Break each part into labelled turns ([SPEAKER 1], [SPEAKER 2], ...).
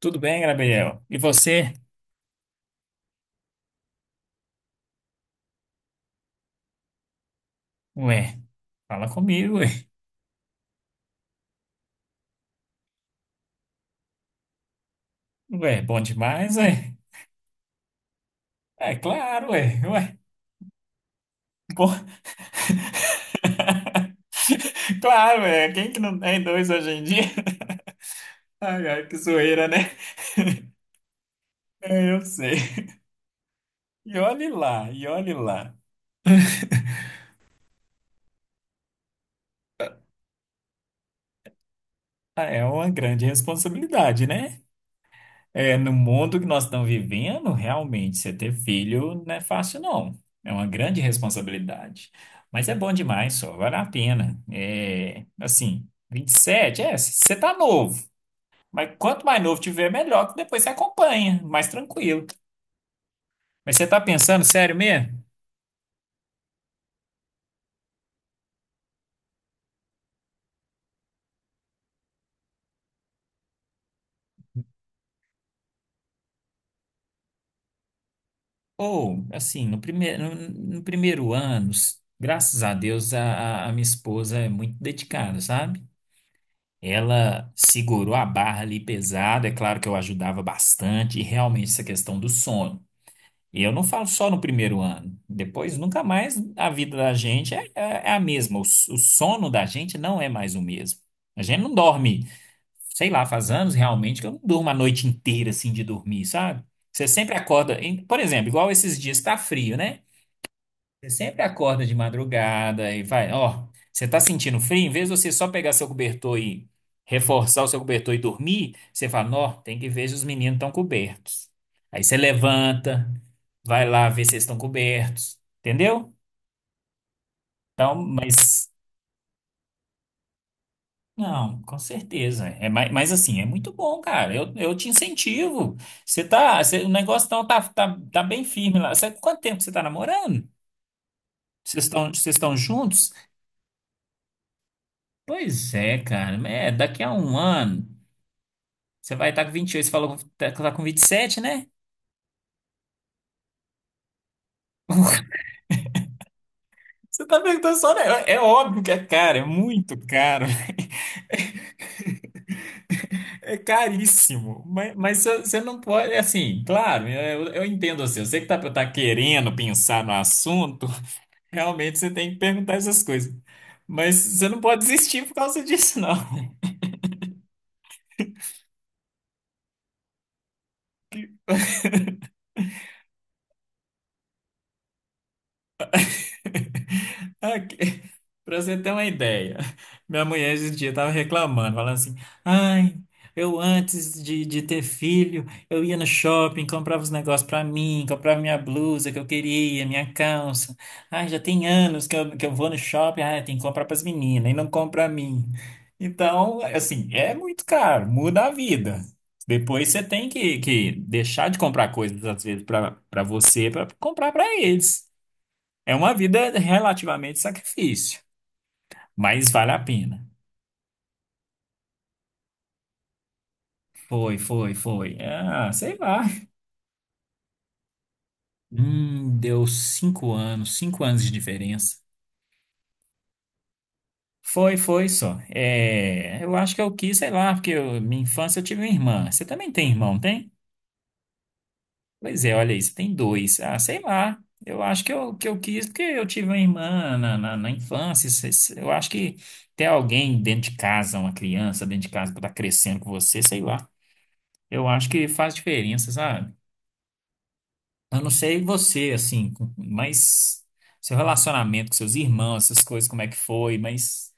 [SPEAKER 1] Tudo bem, Gabriel? E você? Ué, fala comigo, ué. Ué, bom demais, ué. É claro, ué. Ué, bom, claro, ué. Quem que não tem dois hoje em dia? Ai, ai, que zoeira, né? É, eu sei. E olhe lá, e olhe lá. Ah, é uma grande responsabilidade, né? É, no mundo que nós estamos vivendo, realmente, você ter filho não é fácil, não. É uma grande responsabilidade. Mas é bom demais, só. Vale a pena. É, assim, 27 é, você tá novo. Mas quanto mais novo tiver, melhor, que depois você acompanha, mais tranquilo. Mas você tá pensando sério mesmo? Ou, assim, no primeiro, no, no primeiro ano, graças a Deus, a minha esposa é muito dedicada, sabe? Ela segurou a barra ali pesada, é claro que eu ajudava bastante, e realmente essa questão do sono. E eu não falo só no primeiro ano, depois nunca mais a vida da gente é, é a mesma, o, o sono da gente não é mais o mesmo. A gente não dorme, sei lá, faz anos realmente que eu não durmo a noite inteira assim de dormir, sabe? Você sempre acorda, por exemplo, igual esses dias tá frio, né? Você sempre acorda de madrugada e vai, ó, você tá sentindo frio? Em vez de você só pegar seu cobertor e reforçar o seu cobertor e dormir, você fala, ó, tem que ver se os meninos estão cobertos. Aí você levanta, vai lá ver se eles estão cobertos, entendeu? Então, mas, não, com certeza. É, mas, assim, é muito bom, cara. Eu te incentivo. Você tá, o negócio então tá, tá bem firme lá. Sabe quanto tempo que você tá namorando? Vocês estão juntos? Pois é, cara. É, daqui a um ano, você vai estar com 28. Você falou que tá com vinte e sete, né? Você tá perguntando só, né? É óbvio que é caro, é muito caro, é caríssimo. Mas, mas você não pode, é assim, claro, eu entendo assim, você. Eu sei que tá, tá querendo pensar no assunto, realmente você tem que perguntar essas coisas. Mas você não pode desistir por causa disso, não. Para você ter uma ideia, minha mulher esse dia estava reclamando, falando assim: ai, eu antes de ter filho, eu ia no shopping, comprava os negócios para mim, comprava minha blusa que eu queria, minha calça. Ai, já tem anos que eu vou no shopping, ai, tem que comprar para as meninas e não compra para mim. Então, assim, é muito caro, muda a vida. Depois você tem que deixar de comprar coisas, às vezes, para você, para comprar para eles. É uma vida relativamente sacrifício, mas vale a pena. Foi. Ah, sei lá. Deu cinco anos de diferença. Foi, foi só. É, eu acho que eu quis, sei lá, minha infância eu tive uma irmã. Você também tem irmão, não tem? Pois é, olha aí, você tem dois. Ah, sei lá. Eu acho que eu quis porque eu tive uma irmã na infância. Eu acho que ter alguém dentro de casa, uma criança dentro de casa para estar crescendo com você, sei lá. Eu acho que faz diferença, sabe? Eu não sei você, assim, mas seu relacionamento com seus irmãos, essas coisas, como é que foi, mas.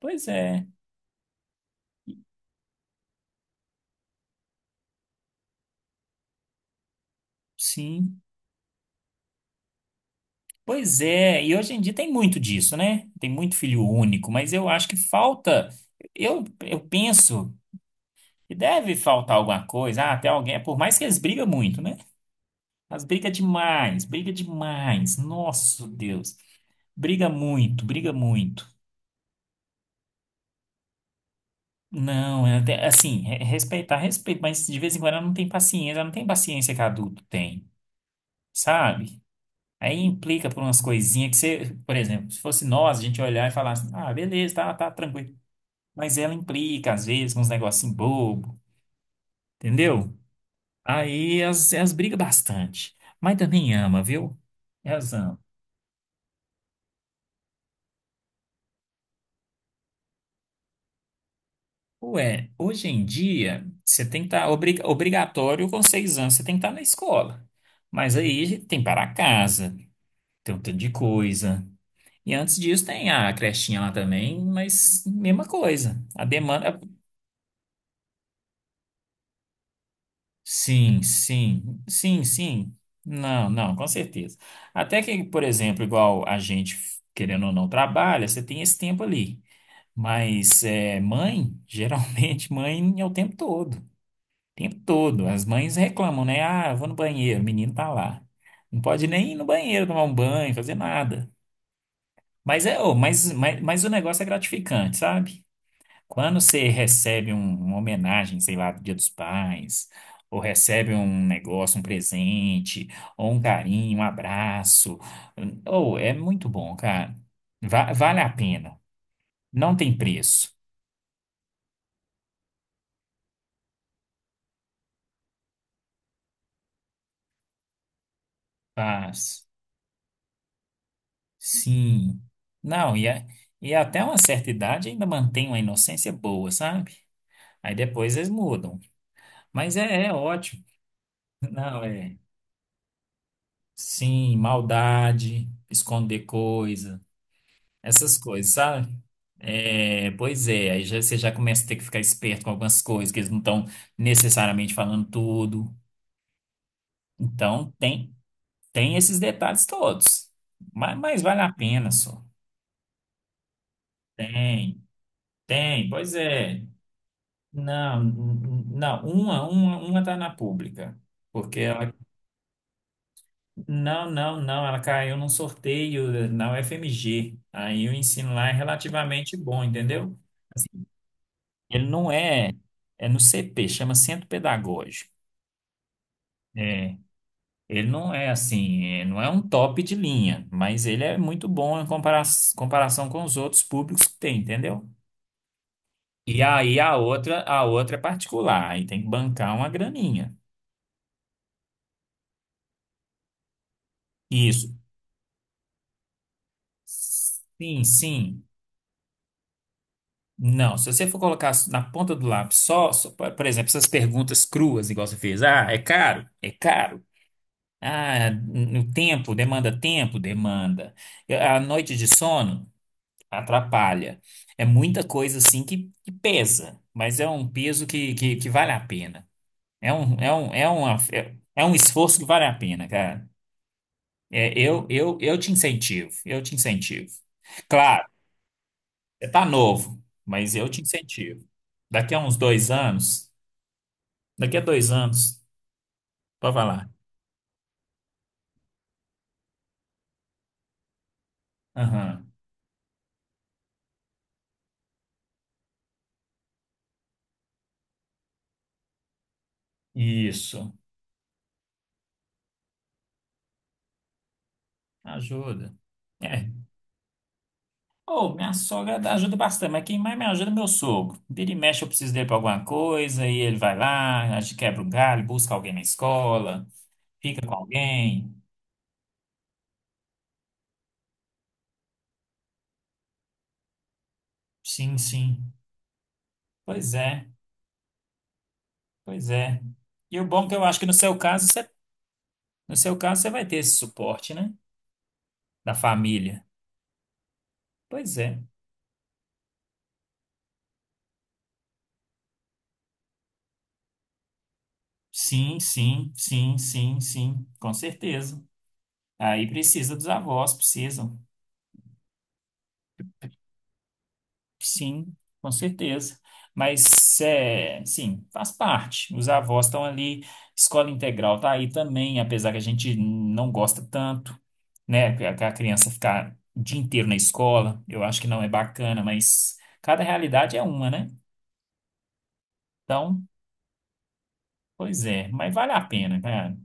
[SPEAKER 1] Pois é, sim. Pois é, e hoje em dia tem muito disso, né? Tem muito filho único, mas eu acho que falta. Eu penso que deve faltar alguma coisa, ah, até alguém, é por mais que eles brigam muito, né? Mas briga demais, briga demais. Nossa, Deus. Briga muito, briga muito. Não, é até assim, respeitar, respeito, mas de vez em quando ela não tem paciência, ela não tem paciência que adulto tem, sabe? Aí implica por umas coisinhas que você, por exemplo, se fosse nós, a gente olhar e falar assim, ah, beleza, tá, tá tranquilo. Mas ela implica, às vezes, com uns negocinhos bobo, entendeu? Aí elas brigam bastante. Mas também ama, viu? Elas amam. Ué, hoje em dia, você tem que estar obrigatório com seis anos, você tem que estar na escola. Mas aí tem para casa. Tem um tanto de coisa. E antes disso tem a crechinha lá também, mas mesma coisa. A demanda. Sim. Não, não, com certeza. Até que, por exemplo, igual a gente, querendo ou não, trabalha, você tem esse tempo ali. Mas é, mãe, geralmente mãe é o tempo todo. O tempo todo. As mães reclamam, né? Ah, eu vou no banheiro, o menino tá lá. Não pode nem ir no banheiro tomar um banho, fazer nada. Mas é, ô, mas o negócio é gratificante, sabe? Quando você recebe uma homenagem, sei lá, do Dia dos Pais, ou recebe um negócio, um presente, ou um carinho, um abraço, ou é muito bom, cara. Vale a pena. Não tem preço. Paz. Sim. Não, e, e até uma certa idade ainda mantém uma inocência boa, sabe? Aí depois eles mudam. Mas é ótimo. Não, é. Sim, maldade, esconder coisas, essas coisas, sabe? É, pois é, você já começa a ter que ficar esperto com algumas coisas, que eles não estão necessariamente falando tudo. Então, tem esses detalhes todos. Mas vale a pena só. Tem, tem, pois é. Não, não, uma tá na pública. Porque ela. Não, não, não, ela caiu num sorteio na UFMG. Aí o ensino lá é relativamente bom, entendeu? Assim, ele não é, é no CP, chama Centro Pedagógico. É, ele não é assim, é, não é um top de linha, mas ele é muito bom em comparação com os outros públicos que tem, entendeu? E aí a outra é particular, aí tem que bancar uma graninha. Isso. Sim, sim. Não, se você for colocar na ponta do lápis só, só, por exemplo, essas perguntas cruas, igual você fez, ah, é caro? É caro. Ah, no tempo, demanda tempo, demanda. A noite de sono atrapalha. É muita coisa assim que pesa, mas é um peso que, que vale a pena. É um, é um, é uma, é é um esforço que vale a pena, cara. É, eu te incentivo, eu te incentivo. Claro, você tá novo, mas eu te incentivo. Daqui a uns dois anos, daqui a dois anos, pode falar. Aham, isso, ajuda. É, oh, ajuda bastante, mas quem mais me ajuda é meu sogro. Vira e mexe, eu preciso dele pra alguma coisa, e ele vai lá, a gente quebra um galho, busca alguém na escola, fica com alguém. Sim, sim. Pois é, pois é. E o bom é que eu acho que no seu caso, você, no seu caso, você vai ter esse suporte, né? Da família. Pois é. Sim, sim, sim, sim, sim, com certeza. Aí precisa dos avós, precisam. Sim, com certeza. Mas, é, sim, faz parte. Os avós estão ali, escola integral tá aí também, apesar que a gente não gosta tanto, né? Que a criança ficar o dia inteiro na escola, eu acho que não é bacana, mas cada realidade é uma, né? Então, pois é, mas vale a pena, cara.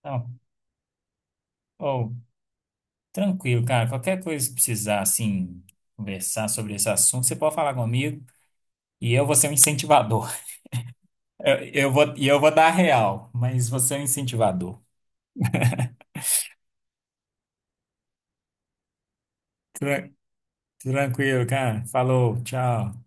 [SPEAKER 1] Então, ó, tranquilo, cara. Qualquer coisa que precisar, assim, conversar sobre esse assunto, você pode falar comigo e eu vou ser um incentivador. Eu, eu vou, e eu vou dar a real, mas você é um incentivador. Tran- tranquilo, cara. Falou, tchau.